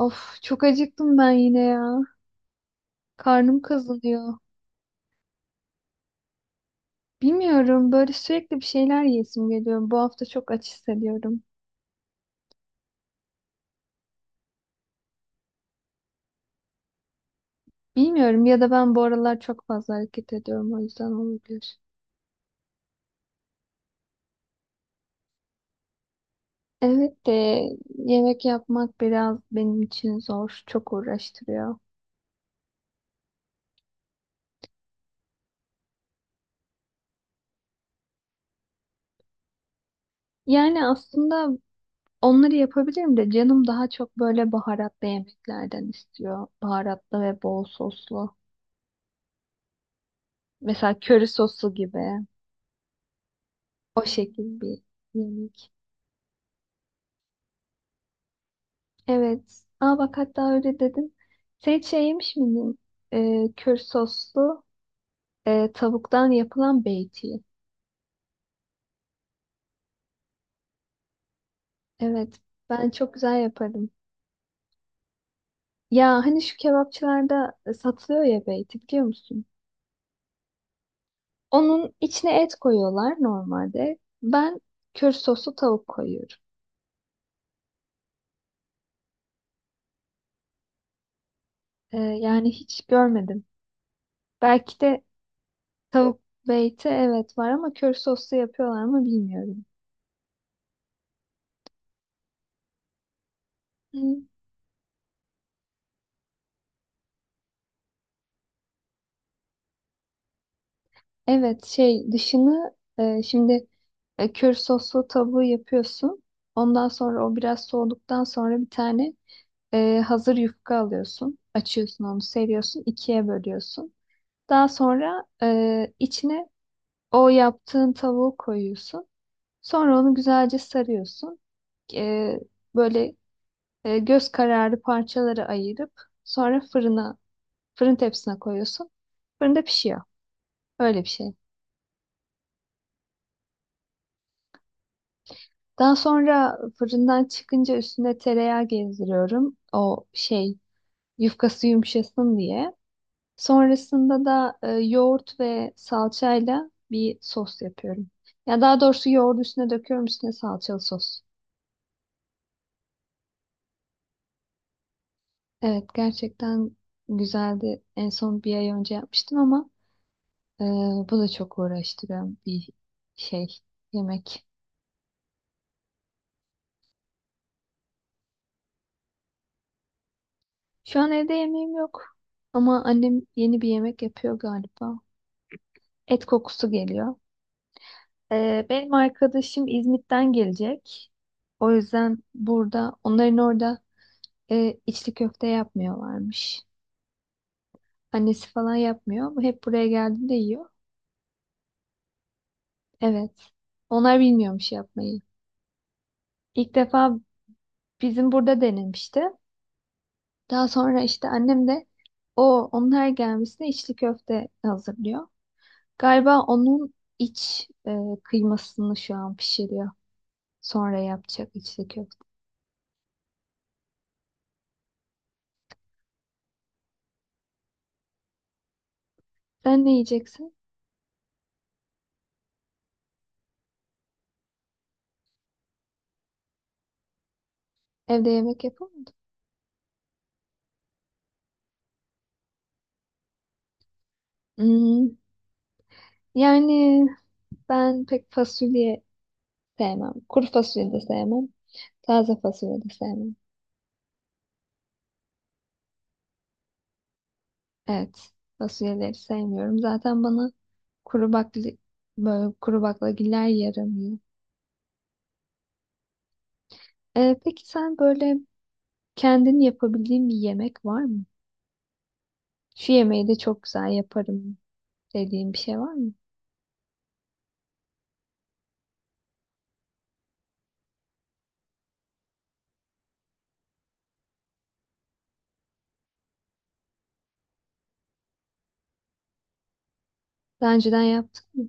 Of çok acıktım ben yine ya. Karnım kazınıyor. Bilmiyorum, böyle sürekli bir şeyler yesim geliyor. Bu hafta çok aç hissediyorum. Bilmiyorum, ya da ben bu aralar çok fazla hareket ediyorum, o yüzden olabilir. Evet de yemek yapmak biraz benim için zor. Çok uğraştırıyor. Yani aslında onları yapabilirim de canım daha çok böyle baharatlı yemeklerden istiyor. Baharatlı ve bol soslu. Mesela köri soslu gibi. O şekil bir yemek. Evet. Aa bak hatta öyle dedin. Sen hiç şey yemiş miydin? Kür soslu tavuktan yapılan beyti. Evet. Ben çok güzel yaparım. Ya hani şu kebapçılarda satılıyor ya beyti, biliyor musun? Onun içine et koyuyorlar normalde. Ben kür soslu tavuk koyuyorum. Yani hiç görmedim. Belki de tavuk beyti evet var ama kür soslu yapıyorlar mı bilmiyorum. Hı. Evet şey dışını şimdi kür soslu tavuğu yapıyorsun. Ondan sonra o biraz soğuduktan sonra bir tane hazır yufka alıyorsun. Açıyorsun onu, seriyorsun, ikiye bölüyorsun. Daha sonra içine o yaptığın tavuğu koyuyorsun. Sonra onu güzelce sarıyorsun. E, böyle göz kararı parçaları ayırıp sonra fırına, fırın tepsisine koyuyorsun. Fırında pişiyor. Öyle bir şey. Daha sonra fırından çıkınca üstüne tereyağı gezdiriyorum. O şey yufkası yumuşasın diye. Sonrasında da yoğurt ve salçayla bir sos yapıyorum. Ya daha doğrusu yoğurdu üstüne döküyorum, üstüne salçalı sos. Evet gerçekten güzeldi. En son bir ay önce yapmıştım ama e, bu da çok uğraştıran bir şey yemek. Şu an evde yemeğim yok ama annem yeni bir yemek yapıyor galiba. Et kokusu geliyor. Benim arkadaşım İzmit'ten gelecek. O yüzden burada, onların orada içli köfte yapmıyorlarmış. Annesi falan yapmıyor. Bu hep buraya geldiğinde yiyor. Evet. Onlar bilmiyormuş yapmayı. İlk defa bizim burada denemişti. Daha sonra işte annem de o onlar gelmesine içli köfte hazırlıyor. Galiba onun iç kıymasını şu an pişiriyor. Sonra yapacak içli köfte. Sen ne yiyeceksin? Evde yemek yapamadın. Hmm, yani ben pek fasulye sevmem. Kuru fasulye de sevmem. Taze fasulye de sevmem. Evet. Fasulyeleri sevmiyorum. Zaten bana kuru bakli, böyle kuru baklagiller yaramıyor. Peki sen böyle kendin yapabildiğin bir yemek var mı? Şu yemeği de çok güzel yaparım dediğin bir şey var mı? Daha önceden yaptım.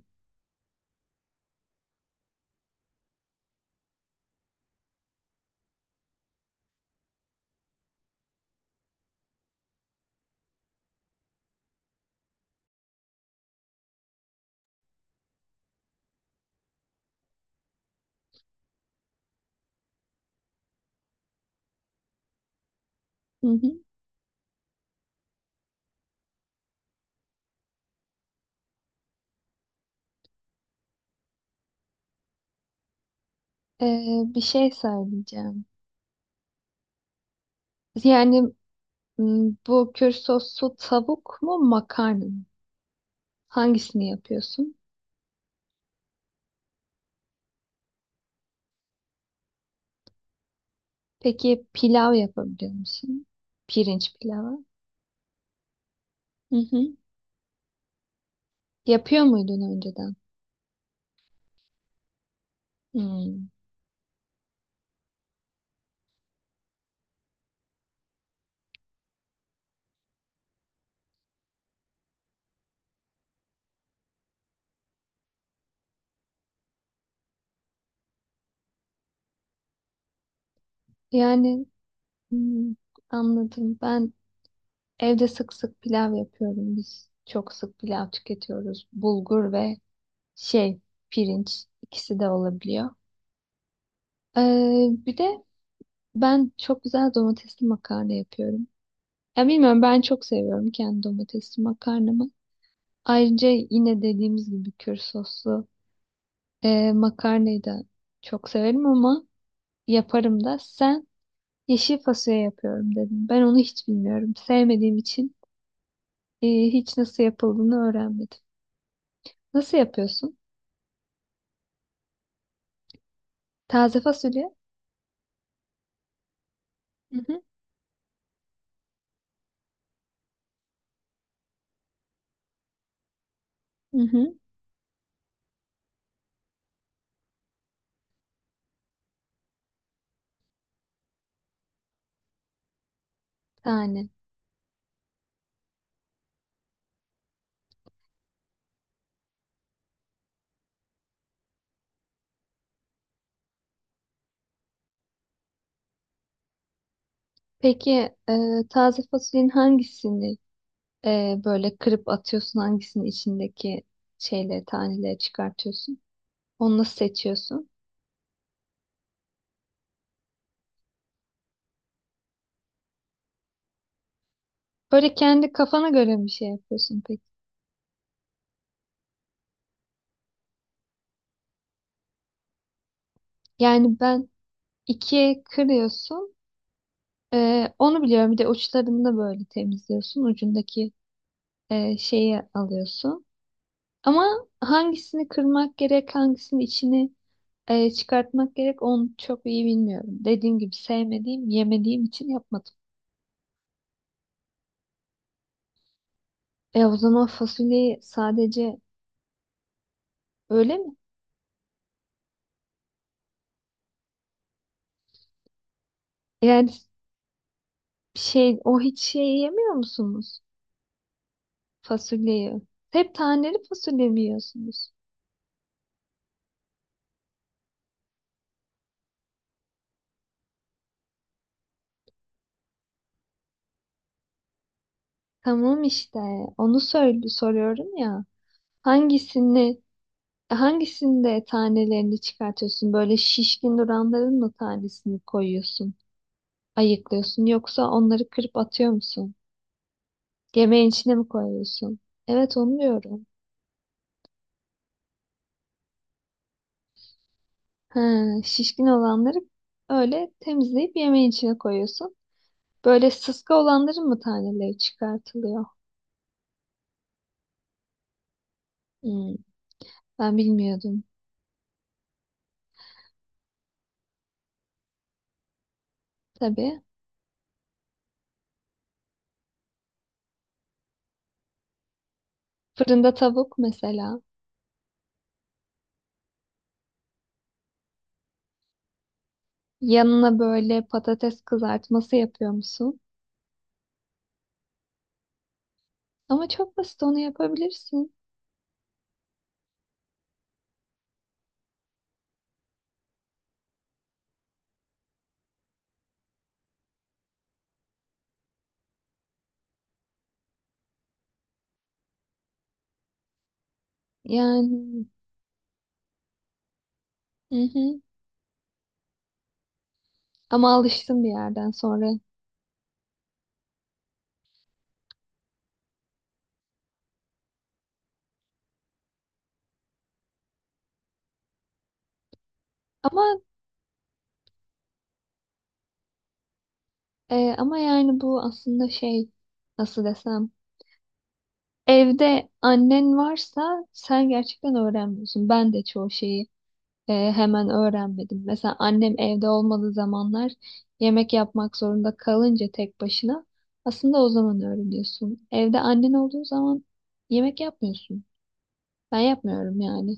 Hı hı. Bir şey söyleyeceğim. Yani bu kür soslu tavuk mu makarna mı? Hangisini yapıyorsun? Peki pilav yapabiliyor musun? Pirinç pilavı. Hı hı. Yapıyor muydun önceden? Hmm. Yani hmm, anladım. Ben evde sık sık pilav yapıyorum. Biz çok sık pilav tüketiyoruz. Bulgur ve şey pirinç, ikisi de olabiliyor. Bir de ben çok güzel domatesli makarna yapıyorum. Ya bilmiyorum, ben çok seviyorum kendi domatesli makarnamı. Ayrıca yine dediğimiz gibi kür soslu makarnayı da çok severim ama yaparım da. Sen Yeşil fasulye yapıyorum dedim. Ben onu hiç bilmiyorum. Sevmediğim için hiç nasıl yapıldığını öğrenmedim. Nasıl yapıyorsun? Taze fasulye? Hı hı. Hı hı. Tane. Peki taze fasulyenin hangisini böyle kırıp atıyorsun? Hangisini içindeki şeyleri, taneleri çıkartıyorsun? Onu nasıl seçiyorsun? Böyle kendi kafana göre bir şey yapıyorsun peki. Yani ben ikiye kırıyorsun. Onu biliyorum. Bir de uçlarını da böyle temizliyorsun. Ucundaki şeyi alıyorsun. Ama hangisini kırmak gerek, hangisinin içini çıkartmak gerek, onu çok iyi bilmiyorum. Dediğim gibi sevmediğim, yemediğim için yapmadım. E o zaman fasulyeyi sadece öyle mi? Yani şey, o hiç şey yemiyor musunuz? Fasulyeyi. Hep taneli fasulye mi yiyorsunuz? Tamam işte onu söyle, soruyorum ya. Hangisini hangisinde tanelerini çıkartıyorsun? Böyle şişkin duranların mı tanesini koyuyorsun? Ayıklıyorsun, yoksa onları kırıp atıyor musun? Yemeğin içine mi koyuyorsun? Evet onu diyorum. Ha, şişkin olanları öyle temizleyip yemeğin içine koyuyorsun. Böyle sıska olanların mı taneleri çıkartılıyor? Hmm, ben bilmiyordum. Tabii. Fırında tavuk mesela. Yanına böyle patates kızartması yapıyor musun? Ama çok basit, onu yapabilirsin. Yani hı hı. Ama alıştım bir yerden sonra. Ama ama yani bu aslında şey, nasıl desem, evde annen varsa sen gerçekten öğrenmiyorsun. Ben de çoğu şeyi hemen öğrenmedim. Mesela annem evde olmadığı zamanlar yemek yapmak zorunda kalınca tek başına, aslında o zaman öğreniyorsun. Evde annen olduğu zaman yemek yapmıyorsun. Ben yapmıyorum yani.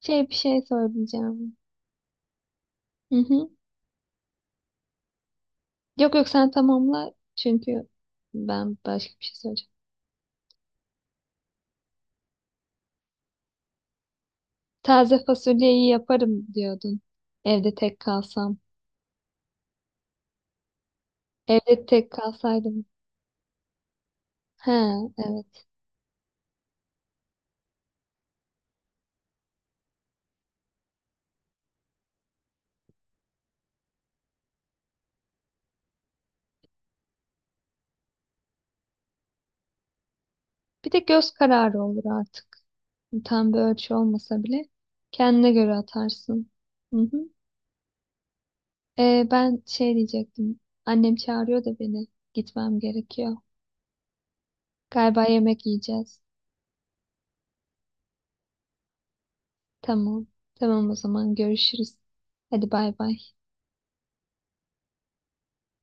Şey, bir şey söyleyeceğim. Hı hı. Yok yok, sen tamamla çünkü ben başka bir şey söyleyeceğim. Taze fasulyeyi yaparım diyordun. Evde tek kalsam. Evde tek kalsaydım. He, evet. Bir de göz kararı olur artık. Tam bir ölçü olmasa bile kendine göre atarsın. Hı hı. Ben şey diyecektim. Annem çağırıyor da beni. Gitmem gerekiyor. Galiba yemek yiyeceğiz. Tamam. Tamam o zaman görüşürüz. Hadi bay bay.